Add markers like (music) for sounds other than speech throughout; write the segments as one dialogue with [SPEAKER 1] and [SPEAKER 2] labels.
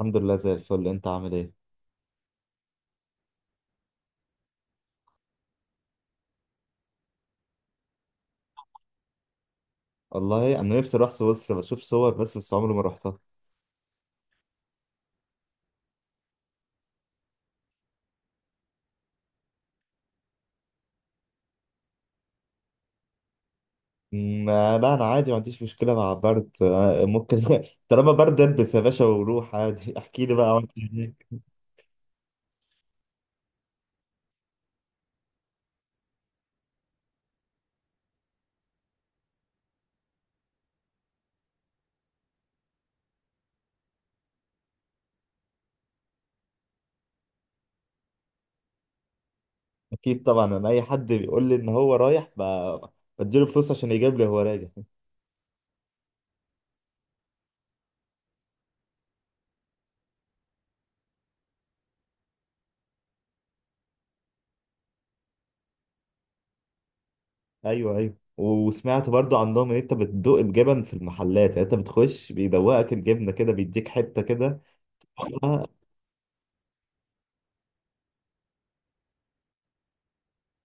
[SPEAKER 1] الحمد لله زي الفل. انت عامل ايه؟ والله انا نفسي اروح سويسرا بشوف صور بس عمري ما رحتها. لا انا عادي ما عنديش مشكله مع برد. ممكن (laughs) طالما برد البس يا باشا وروح عادي. (laughs) احكي لي بقى عملت إيه هناك. اكيد طبعا، انا اي حد بيقول لي ان هو رايح بديله فلوس عشان يجيب لي هو راجع. (laughs) ايوه وسمعت برضو عندهم ان انت بتدوق الجبن في المحلات، يعني انت بتخش بيدوقك الجبنه كده، بيديك حته كده. آه،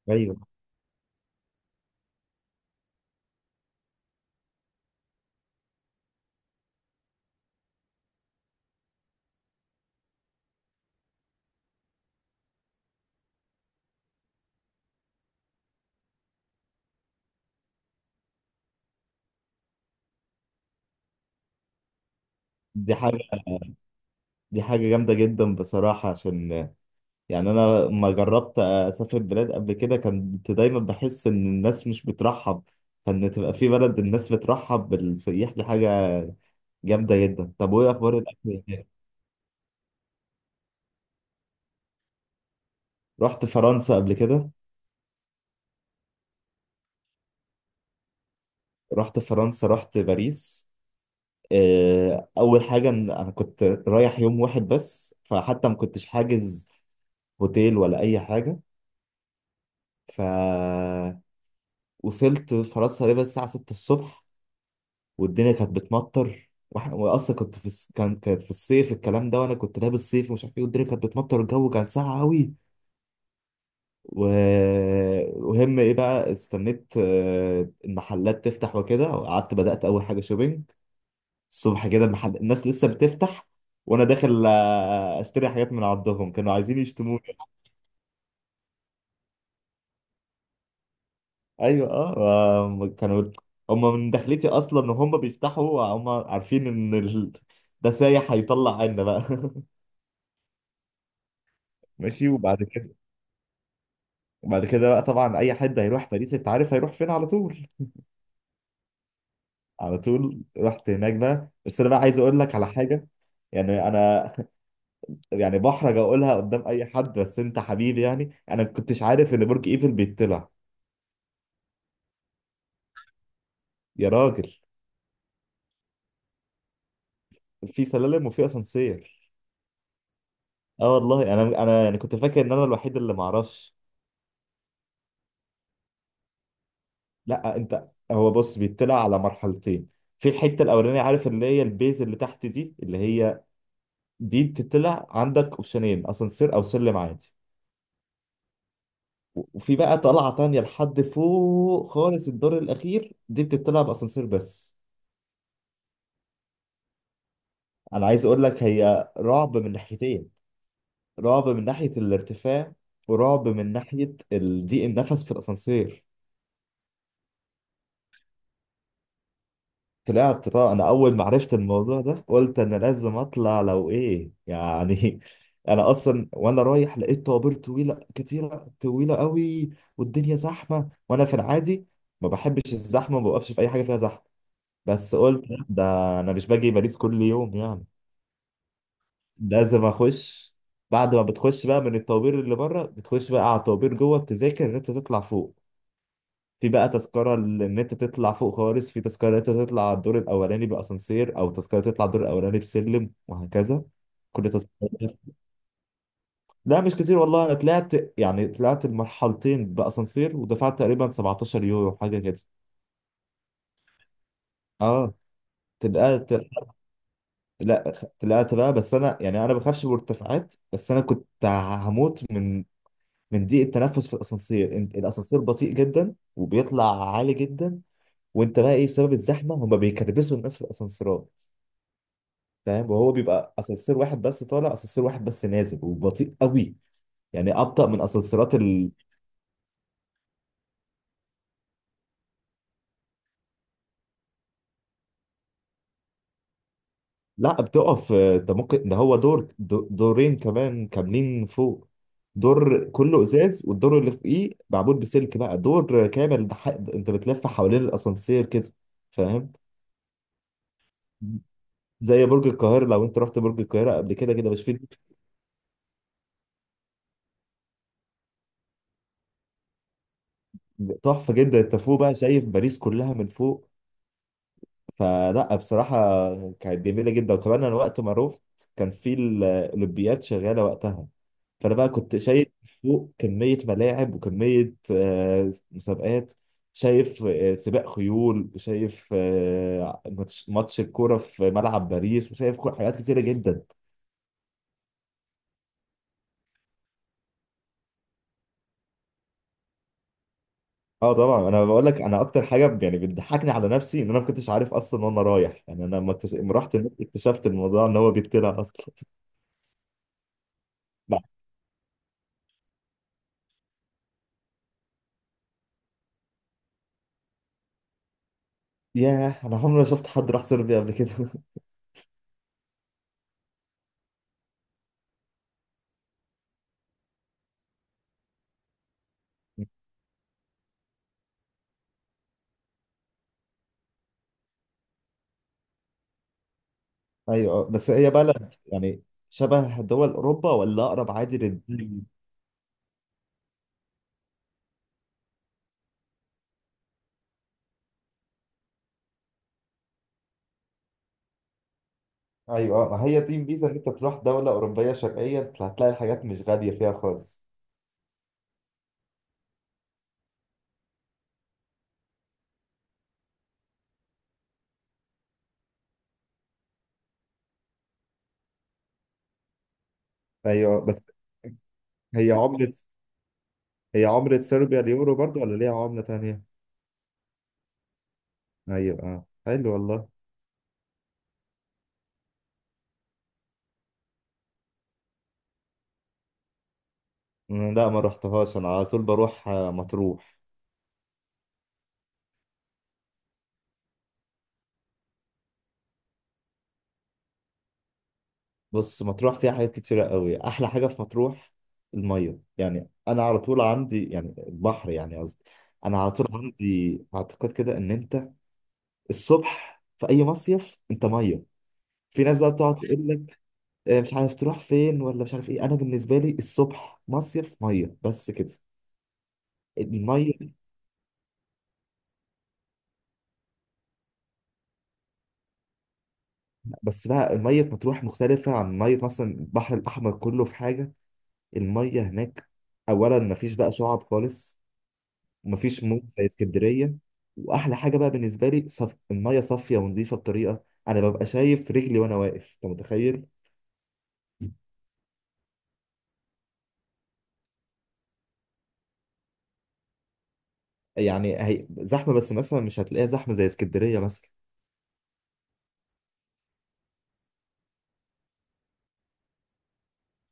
[SPEAKER 1] ايوه. دي حاجه دي حاجه جامده جدا بصراحه، عشان يعني انا لما جربت اسافر بلاد قبل كده كنت دايما بحس ان الناس مش بترحب، فان تبقى في بلد الناس بترحب بالسياح دي حاجه جامده جدا. طب وايه اخبار الاكل هناك؟ رحت فرنسا قبل كده. رحت فرنسا، رحت باريس. آه، اول حاجه إن انا كنت رايح يوم واحد بس، فحتى ما كنتش حاجز هوتيل ولا اي حاجه. ف وصلت فرنسا تقريبا الساعه 6 الصبح، والدنيا كانت بتمطر، واحنا واصلا كنت في كانت في الصيف الكلام ده، وانا كنت لابس صيف ومش عارف ايه، والدنيا كانت بتمطر، الجو كان ساقع قوي. و... وهم ايه بقى، استنيت المحلات تفتح وكده، وقعدت بدأت اول حاجة شوبينج. الصبح كده المحل الناس لسه بتفتح، وانا داخل اشتري حاجات من عندهم، كانوا عايزين يشتموني. ايوه. اه. كانوا هم من دخلتي اصلا ان هم بيفتحوا، هم عارفين ان ده سايح هيطلع عنا بقى. (laughs) ماشي. وبعد كده، وبعد كده بقى طبعا اي حد هيروح باريس انت عارف هيروح فين على طول. على طول رحت هناك بقى، بس انا بقى عايز اقول لك على حاجه، يعني انا يعني بحرج اقولها قدام اي حد بس انت حبيبي، يعني انا ما كنتش عارف ان برج ايفل بيطلع. يا راجل! في سلالم وفي اسانسير. اه والله، انا يعني كنت فاكر ان انا الوحيد اللي ما اعرفش. لا انت هو بص، بيطلع على مرحلتين. في الحته الاولانيه عارف اللي هي البيز اللي تحت دي اللي هي، دي تطلع عندك اوبشنين: اسانسير او سلم عادي. وفي بقى طلعة تانية لحد فوق خالص الدور الأخير، دي بتطلع بأسانسير بس. أنا عايز أقول لك، هي رعب من ناحيتين: رعب من ناحية الارتفاع، ورعب من ناحية ضيق النفس في الأسانسير. طلعت طبعا، أنا أول ما عرفت الموضوع ده قلت أنا لازم أطلع لو إيه يعني. (laughs) أنا أصلا وأنا رايح لقيت طوابير طويلة كتيرة، طويلة قوي، والدنيا زحمة، وأنا في العادي ما بحبش الزحمة، ما بوقفش في أي حاجة فيها زحمة، بس قلت لأ، ده انا مش باجي باريس كل يوم يعني، لازم اخش. بعد ما بتخش بقى من الطوابير اللي بره، بتخش بقى على الطوابير جوه بتذاكر ان انت تطلع فوق. في بقى تذكرة ان انت تطلع فوق خالص، في تذكرة ان انت تطلع على الدور الاولاني باسانسير، او تذكرة تطلع الدور الاولاني بسلم، وهكذا كل تذكرة. لا مش كتير والله. انا طلعت، يعني طلعت المرحلتين باسانسير ودفعت تقريبا 17 يورو حاجة كده. اه طلعت. لا طلعت بقى، بس انا يعني انا ما بخافش من الارتفاعات، بس انا كنت هموت من من ضيق التنفس في الاسانسير. الاسانسير بطيء جدا وبيطلع عالي جدا، وانت بقى ايه بسبب الزحمه هما بيكربسوا الناس في الاسانسيرات، فاهم؟ وهو بيبقى اسانسير واحد بس طالع، اسانسير واحد بس نازل، وبطيء قوي، يعني ابطا من اسانسيرات. لا بتقف. آه، ده ممكن ده هو دور دورين كمان كاملين فوق: دور كله ازاز، والدور اللي فوقيه معمول بسلك بقى، دور كامل ده انت بتلف حوالين الاسانسير كده، فاهم؟ زي برج القاهرة، لو انت رحت برج القاهرة قبل كده، كده مش فيه. تحفة جدا، انت فوق بقى شايف باريس كلها من فوق. فلا بصراحة كانت جميلة جدا. وكمان أنا وقت ما روحت كان في الأولمبياد شغالة وقتها، فأنا بقى كنت شايف فوق كمية ملاعب وكمية مسابقات، شايف سباق خيول، وشايف ماتش الكورة في ملعب باريس، وشايف حاجات كتيرة جدا. اه طبعا. انا بقول لك، انا اكتر حاجه يعني بتضحكني على نفسي ان انا ما كنتش عارف اصلا وانا رايح، يعني انا لما لما رحت هناك اكتشفت الموضوع ان هو بيتطلع اصلا. ياه، انا عمري ما شفت حد راح صربيا قبل كده. ايوه. آه، بس هي بلد يعني شبه دول اوروبا ولا اقرب عادي للدول؟ ايوه. آه، ما هي دي الميزه، ان انت تروح دوله اوروبيه شرقيه أنت هتلاقي الحاجات مش غاليه فيها خالص. ايوه. بس هي عمله، هي عمله صربيا اليورو برضو ولا ليها عمله تانية؟ ايوه اه حلو والله. لا ما رحتهاش، انا على طول بروح مطروح. بص، مطروح فيها حاجات كتيره قوي. احلى حاجه في مطروح الميه، يعني انا على طول عندي يعني البحر يعني، قصدي انا على طول عندي اعتقاد كده ان انت الصبح في اي مصيف انت ميه. في ناس بقى بتقعد تقول لك مش عارف تروح فين ولا مش عارف ايه، انا بالنسبه لي الصبح مصيف ميه بس كده. الميه. بس بقى ميه مطروح مختلفه عن ميه مثلا البحر الاحمر كله في حاجه: الميه هناك اولا مفيش بقى شعب خالص، ومفيش موج زي اسكندريه. واحلى حاجه بقى بالنسبه لي الميه صافيه ونظيفه بطريقه انا ببقى شايف رجلي وانا واقف، انت متخيل؟ يعني هي زحمه، بس مثلا مش هتلاقيها زحمه زي اسكندريه مثلا.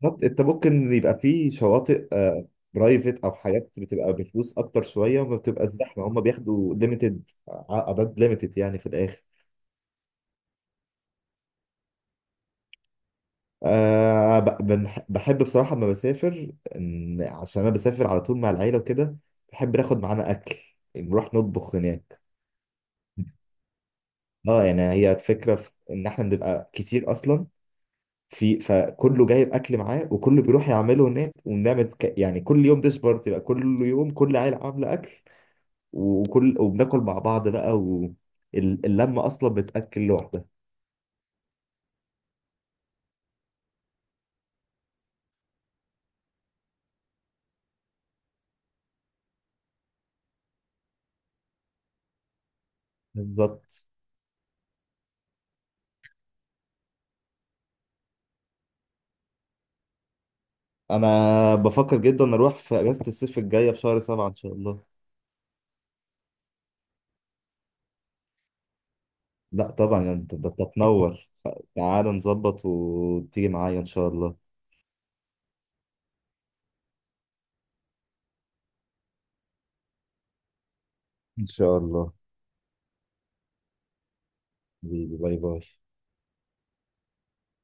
[SPEAKER 1] بالظبط. انت ممكن يبقى في شواطئ برايفت او حاجات بتبقى بفلوس اكتر شويه، وما بتبقى الزحمه، هم بياخدوا ليميتد، اعداد ليميتد يعني في الاخر. أه، بحب بصراحه لما بسافر، عشان انا بسافر على طول مع العيله وكده، بحب ناخد معانا اكل نروح نطبخ هناك. اه يعني هي الفكره في ان احنا بنبقى كتير اصلا، في فكله جايب اكل معاه وكله بيروح يعمله هناك، ونعمل يعني كل يوم ديش بارتي بقى، كل يوم كل عيله عامله اكل، وبناكل مع بعض بقى، واللمة أصلا بتأكل لوحدها. بالظبط. أنا بفكر جدا أروح في أجازة الصيف الجاية في شهر سبعة إن شاء الله. لا طبعا يعني أنت، أنت تنور. (laughs) تعال نظبط وتيجي معايا إن شاء الله. إن شاء الله. حبيبي، باي باي.